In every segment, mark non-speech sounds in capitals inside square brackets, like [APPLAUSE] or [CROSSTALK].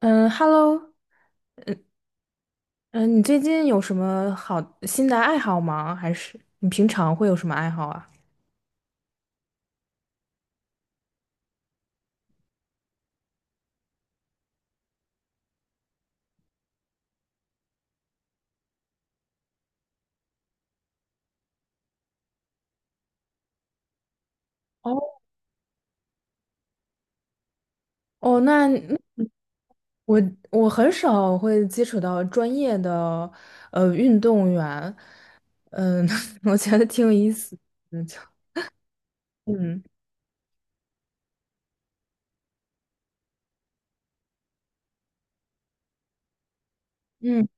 嗯，Hello，嗯，你最近有什么好新的爱好吗？还是你平常会有什么爱好啊？哦，哦，那我我很少会接触到专业的运动员，嗯，[LAUGHS] 我觉得挺有意思的就嗯嗯，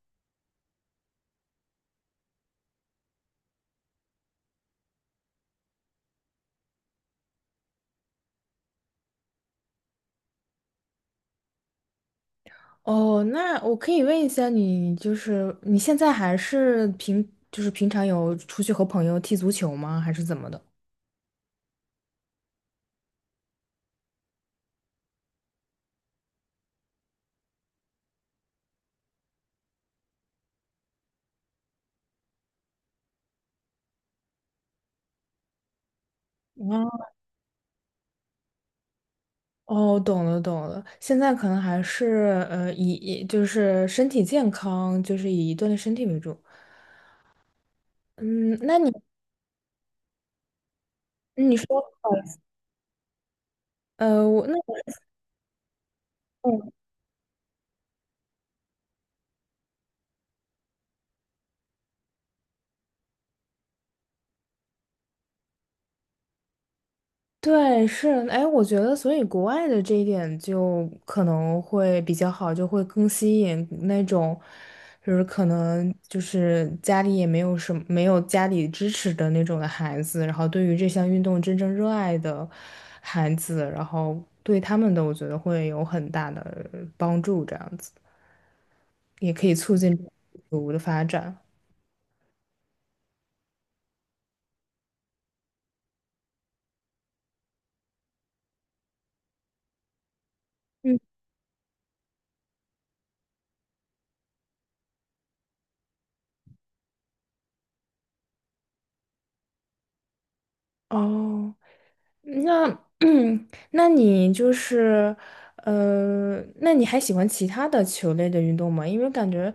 哦，那我可以问一下你，就是你现在还是平就是平常有出去和朋友踢足球吗？还是怎么的？哦，懂了，现在可能还是就是身体健康，就是以锻炼身体为主。嗯，那你你说呃我那。对，是，哎，我觉得，所以国外的这一点就可能会比较好，就会更吸引那种，可能就是家里也没有什么，没有家里支持的那种的孩子，然后对于这项运动真正热爱的孩子，然后对他们的，我觉得会有很大的帮助，这样子也可以促进足的发展。嗯，哦。那 [CLEARS THROAT] 那你就是，那你还喜欢其他的球类的运动吗？因为感觉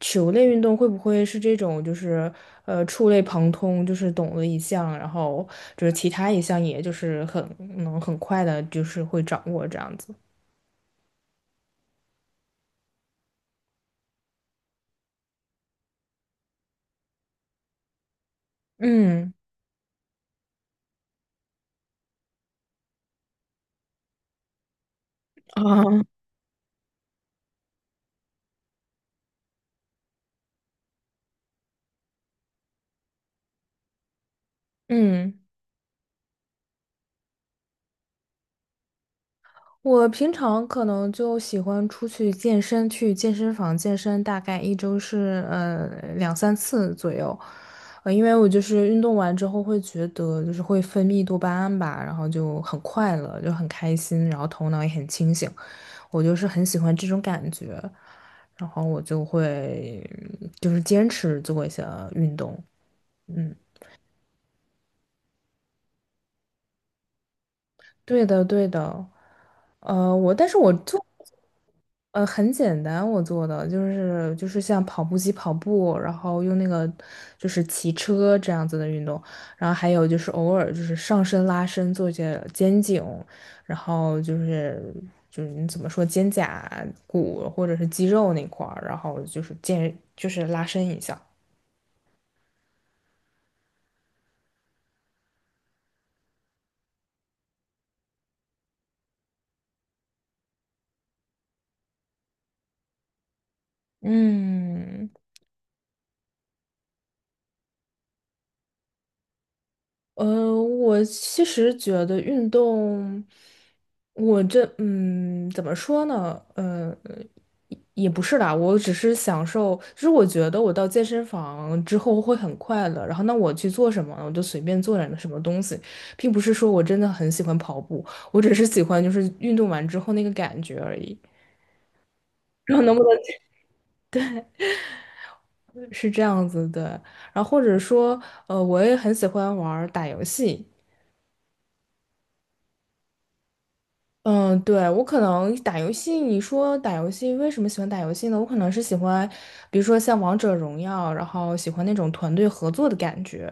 球类运动会不会是这种，就是触类旁通，就是懂了一项，然后就是其他一项，也就是很快的，就是会掌握这样子。嗯，啊，嗯。我平常可能就喜欢出去健身，去健身房健身，大概一周是两三次左右，因为我就是运动完之后会觉得就是会分泌多巴胺吧，然后就很快乐，就很开心，然后头脑也很清醒，我就是很喜欢这种感觉，然后我就会就是坚持做一些运动，嗯。对的，对的。呃，我但是我做呃很简单，我做的就是像跑步机跑步，然后用那个就是骑车这样子的运动，然后还有就是偶尔就是上身拉伸做一些肩颈，然后你怎么说肩胛骨或者是肌肉那块儿，然后就是健就是拉伸一下。嗯，我其实觉得运动，我这嗯，怎么说呢？不是啦，我只是享受，就是我觉得我到健身房之后会很快乐，然后那我去做什么呢，我就随便做点什么东西，并不是说我真的很喜欢跑步，我只是喜欢就是运动完之后那个感觉而已。然后能不能是这样子对，然后或者说，我也很喜欢玩儿打游戏。嗯，对，我可能打游戏，你说打游戏为什么喜欢打游戏呢？我可能是喜欢，比如说像王者荣耀，然后喜欢那种团队合作的感觉。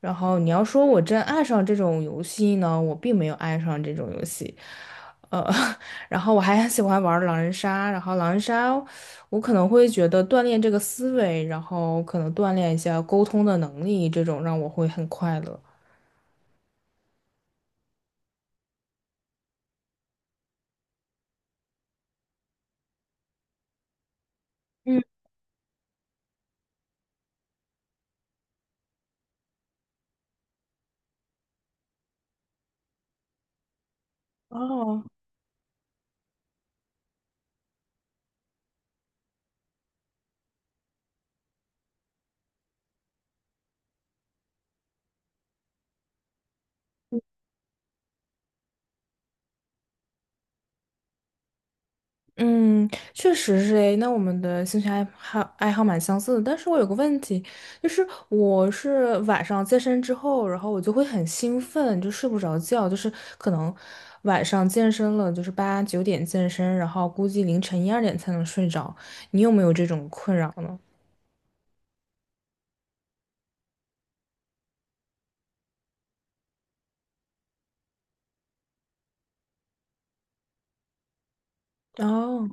然后你要说我真爱上这种游戏呢，我并没有爱上这种游戏。呃，[LAUGHS] 然后我还喜欢玩狼人杀，然后狼人杀，我可能会觉得锻炼这个思维，然后可能锻炼一下沟通的能力，这种让我会很快乐。嗯，哦。嗯，确实是诶。那我们的兴趣爱好蛮相似的，但是我有个问题，就是我是晚上健身之后，然后我就会很兴奋，就睡不着觉，就是可能晚上健身了，就是8、9点健身，然后估计凌晨1、2点才能睡着。你有没有这种困扰呢？哦，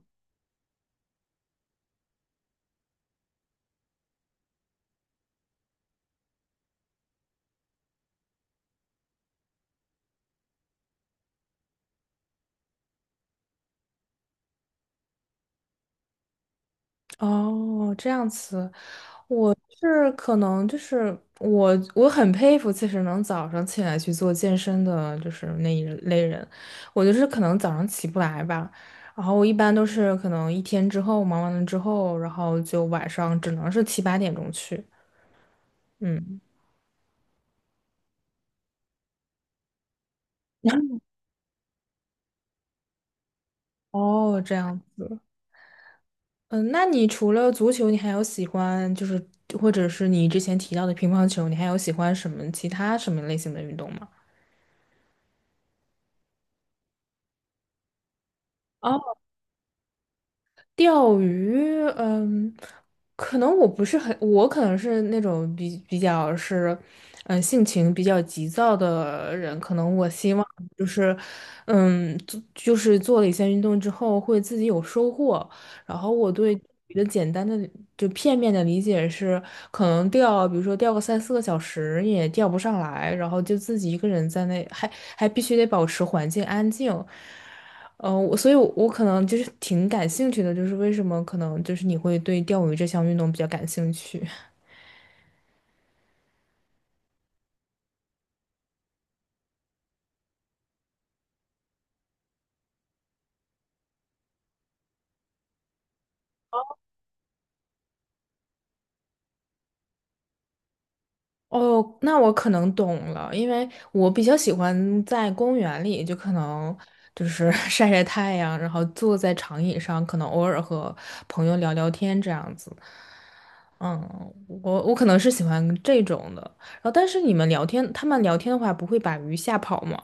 哦，这样子。我是可能就是我，我很佩服，其实能早上起来去做健身的，就是那一类人。我就是可能早上起不来吧，然后我一般都是可能一天之后忙完了之后，然后就晚上只能是7、8点钟去。嗯，哦，这样子。嗯，那你除了足球，你还有喜欢就是或者是你之前提到的乒乓球，你还有喜欢什么其他什么类型的运动吗？钓鱼，嗯，可能我不是很，我可能是那种比较是，嗯，性情比较急躁的人，可能我希望就是，做就是做了一些运动之后会自己有收获，然后我对。一个简单的就片面的理解是，可能钓，比如说钓个3、4个小时也钓不上来，然后就自己一个人在那，还必须得保持环境安静，嗯，我所以我可能就是挺感兴趣的，就是为什么可能就是你会对钓鱼这项运动比较感兴趣？[LAUGHS] 哦，那我可能懂了，因为我比较喜欢在公园里，就可能就是 [LAUGHS] 晒晒太阳，然后坐在长椅上，可能偶尔和朋友聊聊天这样子。嗯，我可能是喜欢这种的。然后，但是你们聊天，他们聊天的话，不会把鱼吓跑吗？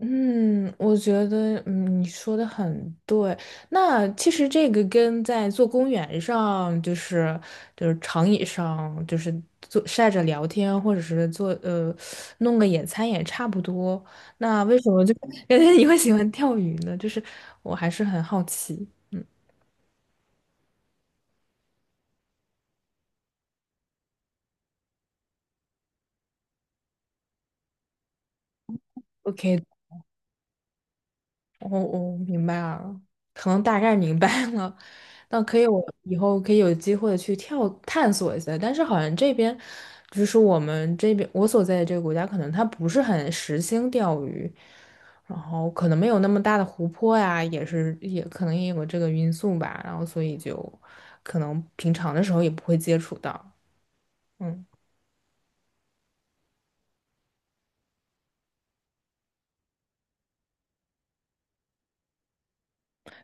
嗯，我觉得你说的很对。那其实这个跟在做公园上，就是就是长椅上，就是坐晒着聊天，或者是做弄个野餐也差不多。那为什么就 [LAUGHS] 感觉你会喜欢钓鱼呢？就是我还是很好奇。OK。我明白了，可能大概明白了。那可以，我以后可以有机会去跳探索一下。但是好像这边，就是我们这边我所在的这个国家，可能它不是很实行钓鱼，然后可能没有那么大的湖泊呀，也是也可能也有这个因素吧。然后所以就可能平常的时候也不会接触到。嗯。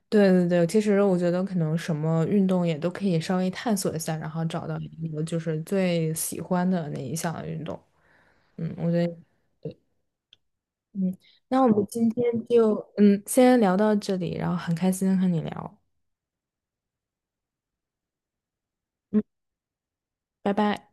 对对对，其实我觉得可能什么运动也都可以稍微探索一下，然后找到一个就是最喜欢的那一项运动。嗯，我觉得，嗯，那我们今天就先聊到这里，然后很开心和你聊，嗯，拜拜。